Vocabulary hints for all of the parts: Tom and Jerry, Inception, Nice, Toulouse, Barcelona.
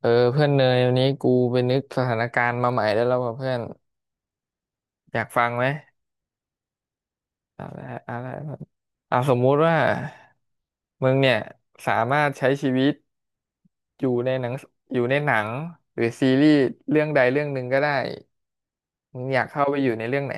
เออเพื่อนเนยวันนี้กูไปนึกสถานการณ์มาใหม่ได้แล้วว่ะเพื่อนอยากฟังไหมเอะไรอะไรเพื่อนอ่ะสมมุติว่ามึงเนี่ยสามารถใช้ชีวิตอยู่ในหนังอยู่ในหนังหรือซีรีส์เรื่องใดเรื่องหนึ่งก็ได้มึงอยากเข้าไปอยู่ในเรื่องไหน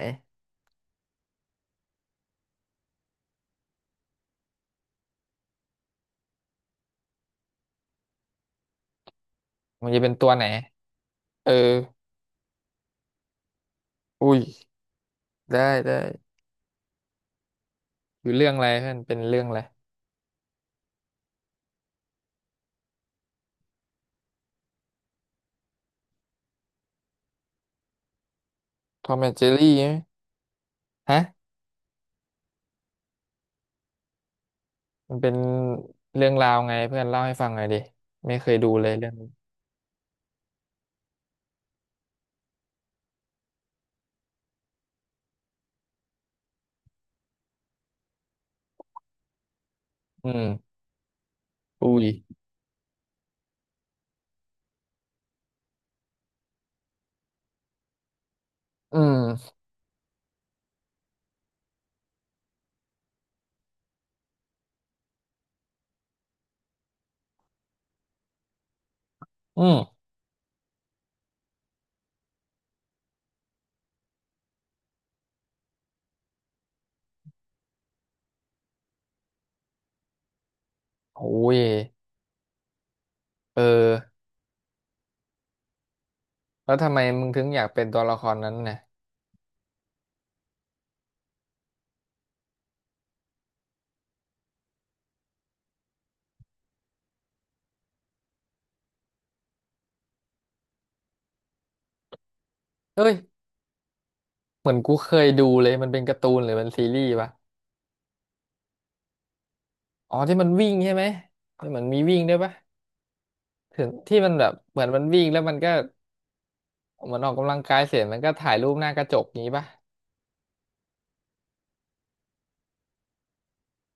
มึงจะเป็นตัวไหนเอออุ้ยได้ได้อยู่เรื่องอะไรเพื่อนเป็นเรื่องอะไรทอมแอนด์เจอรี่ฮะมันเป็นเรื่องราวไงเพื่อนเล่าให้ฟังหน่อยดิไม่เคยดูเลยเรื่องนี้อืม อุ้ยอืมอืมโอ้ยเออแล้วทำไมมึงถึงอยากเป็นตัวละครนั้นน่ะเอ้ยเหมือนกูเคยดูเลยมันเป็นการ์ตูนหรือมันซีรีส์ปะอ๋อที่มันวิ่งใช่ไหมที่มันมีวิ่งด้วยปะถึงที่มันแบบเหมือนมันวิ่งแล้วมันก็เหมือนออกกำลังกายเสร็จมันก็ถ่ายรูปหน้ากระจกงี้ปะ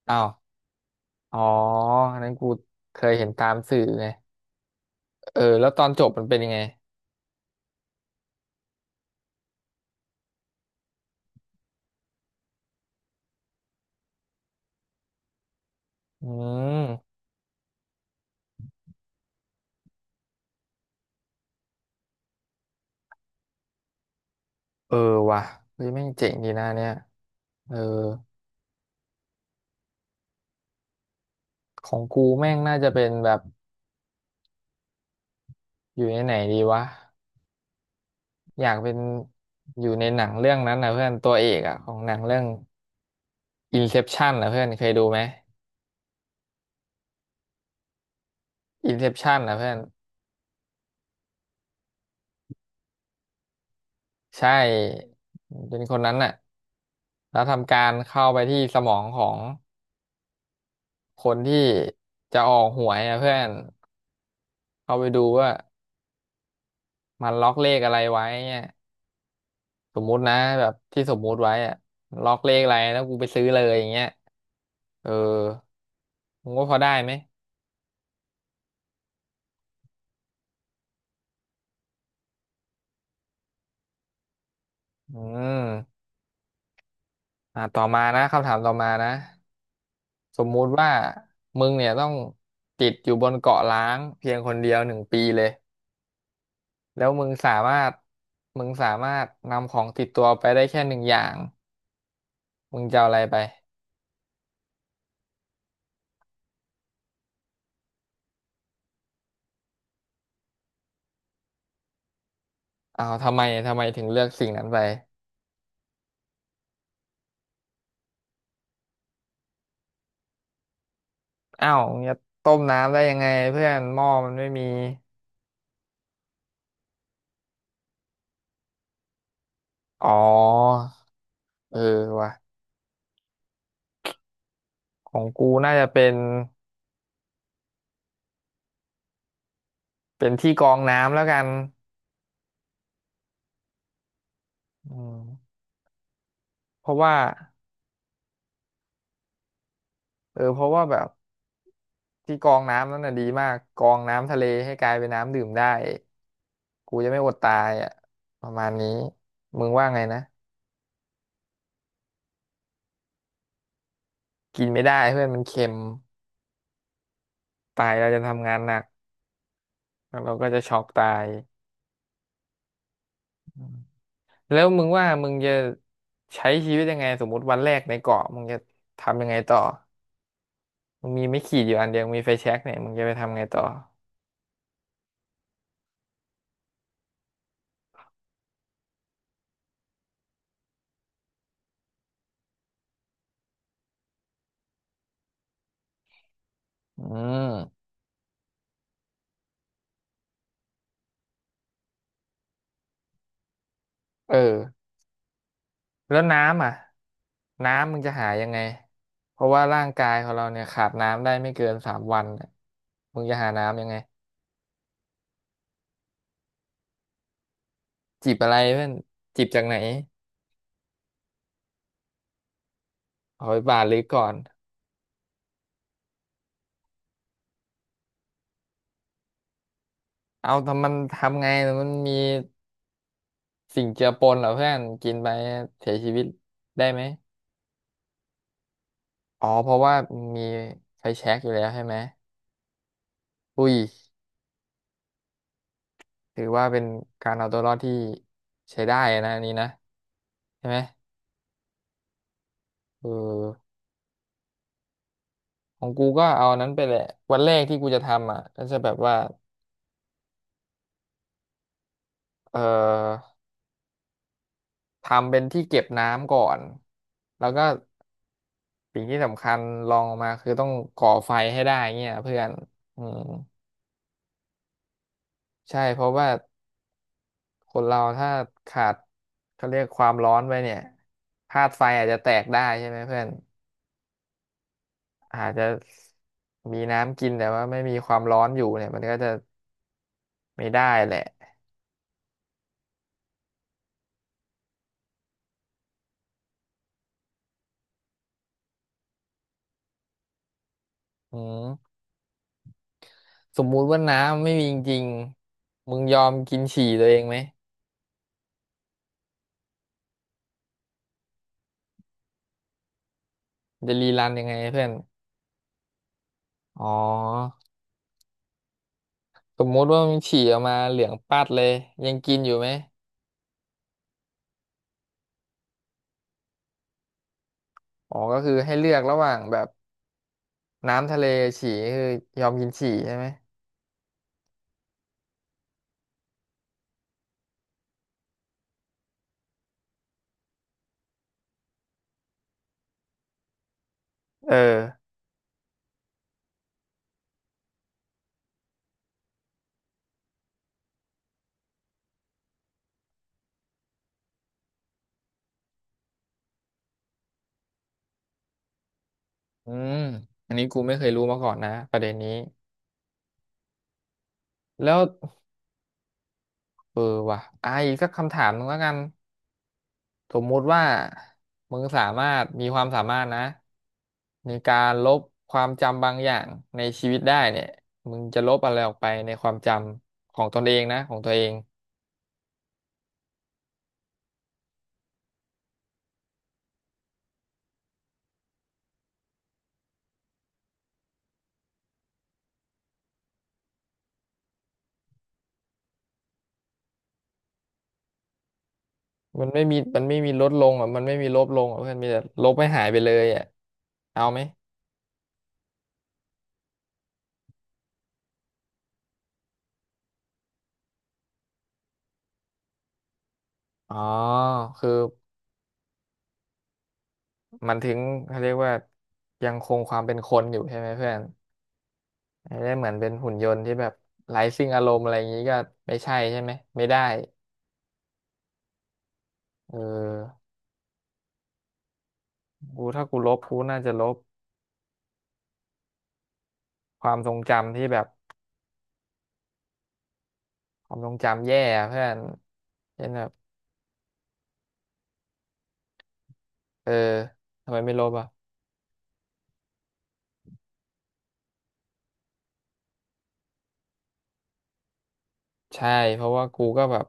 อ้าวอ๋ออันนั้นกูเคยเห็นตามสื่อไงเออแล้วตอนจบมันเป็นยังไงอืมเออว่ะเฮ้ยแม่งเจ๋งดีนะเนี่ยเออของกูแม่งน่าจะเป็นแบบ อยู่ในไหนดีวะอยากเป็นอยู่ในหนังเรื่องนั้นนะเพื่อนตัวเอกอะของหนังเรื่อง Inception นะเพื่อนเคยดูไหม Inception นะเพื่อนใช่เป็นคนนั้นน่ะแล้วทำการเข้าไปที่สมองของคนที่จะออกหวยนะเพื่อนเข้าไปดูว่ามันล็อกเลขอะไรไว้เนี่ยสมมุตินะแบบที่สมมุติไว้อะล็อกเลขอะไรแล้วกูไปซื้อเลยอย่างเงี้ยเออมึงว่าพอได้ไหมอืม อ่าต่อมานะคำถามต่อมานะสมมุติว่ามึงเนี่ยต้องติดอยู่บนเกาะล้างเพียงคนเดียว1 ปีเลยแล้วมึงสามารถมึงสามารถนำของติดตัวไปได้แค่1 อย่างมึงจะเอาอะไรไปอ้าวทำไมถึงเลือกสิ่งนั้นไปอ้าวมึงจะต้มน้ำได้ยังไงเพื่อนหม้อมันไม่มีอ๋อเออว่ะของกูน่าจะเป็นเป็นที่กรองน้ำแล้วกันอืมเพราะว่าเออเพราะว่าแบบ ที่กรองน้ำนั่นน่ะดีมากกรองน้ำทะเลให้กลายเป็นน้ำดื่มได้กูจะไม่อดตายอ่ะประมาณนี้มึงว่าไงนะกินไม่ได้เพื่อนมันเค็มตายเราจะทำงานหนักแล้วเราก็จะช็อกตายอืมแล้วมึงว่ามึงจะใช้ชีวิตยังไงสมมติวันแรกในเกาะมึงจะทำยังไงต่อมึงมีไม่ขีดอยู่อันเดียวมีไฟแช็กเนี่ยมึงจะไปทำไงต่ออืมเออ แล้วน้ำอ่ะน้ำมึงจะหายังไงเพราะว่าร่างกายของเราเนี่ยขาดน้ำได้ไม่เกิน3 วันน่ะมึงจะหาน้ำยังไงจิบอะไรเพื่อนจิบจากไหนเอาไปบาทหรือก่อนเอาทำมันทำไงมันมีสิ่งเจือปนเหรอเพื่อนกินไปเสียชีวิตได้ไหมอ๋อเพราะว่ามีไฟแช็กอยู่แล้วใช่ไหมอุ้ยถือว่าเป็นการเอาตัวรอดที่ใช้ได้นะอันนี้นะใช่ไหมเออ ของกูก็เอาอันนั้นไปแหละวันแรกที่กูจะทำอ่ะก็จะแบบว่าเอ่อทำเป็นที่เก็บน้ำก่อนแล้วก็สิ่งที่สำคัญรองลงมาคือต้องก่อไฟให้ได้เงี้ยเพื่อนอืมใช่เพราะว่าคนเราถ้าขาดเขาเรียกความร้อนไปเนี่ยธาตุไฟอาจจะแตกได้ใช่ไหมเพื่อนอาจจะมีน้ำกินแต่ว่าไม่มีความร้อนอยู่เนี่ยมันก็จะไม่ได้แหละอืม สมมุติว่าน้ำไม่มีจริงๆมึงยอมกินฉี่ตัวเองไหมจะรีรันยังไงเพื่อนอ๋อสมมุติว่ามึงฉี่ออกมาเหลืองปัดเลยยังกินอยู่ไหมอ๋อก็คือให้เลือกระหว่างแบบน้ำทะเลฉี่คือยอมกินฉี่ใช่ไหมเอออืมอันนี้กูไม่เคยรู้มาก่อนนะประเด็นนี้แล้วเออว่ะอ่ะอีกสักคำถามหนึงแล้วกัน สมมุติว่ามึงสามารถมีความสามารถนะในการลบความจำบางอย่างในชีวิตได้เนี่ยมึงจะลบอะไรออกไปในความจำของตนเองนะของตัวเองมันไม่มีลดลงอ่ะมันไม่มีลบลงอ่ะเพื่อนมีแต่ลบให้หายไปเลยอ่ะเอาไหมอ๋อคือมันถึงเขาเรียกว่ายังคงความเป็นคนอยู่ใช่ไหมเพื่อนไม่ได้เหมือนเป็นหุ่นยนต์ที่แบบไร้ซึ่งอารมณ์อะไรอย่างนี้ก็ไม่ใช่ใช่ไหมไม่ได้เออ ถ้ากูลบกูน่าจะลบความทรงจำที่แบบความทรงจำแย่อะเพื่อนเช่นแบบเออทำไมไม่ลบอ่ะใช่เพราะว่ากูก็แบบ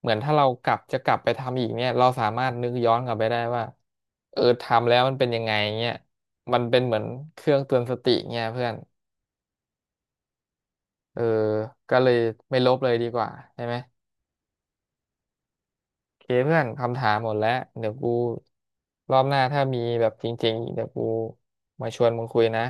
เหมือนถ้าเรากลับจะกลับไปทำอีกเนี่ยเราสามารถนึกย้อนกลับไปได้ว่าเออทำแล้วมันเป็นยังไงเงี้ยมันเป็นเหมือนเครื่องเตือนสติเงี้ยเพื่อนเออก็เลยไม่ลบเลยดีกว่าใช่ไหมโอเคเพื่อนคำถามหมดแล้วเดี๋ยวกูรอบหน้าถ้ามีแบบจริงๆอีกเดี๋ยวกูมาชวนมึงคุยนะ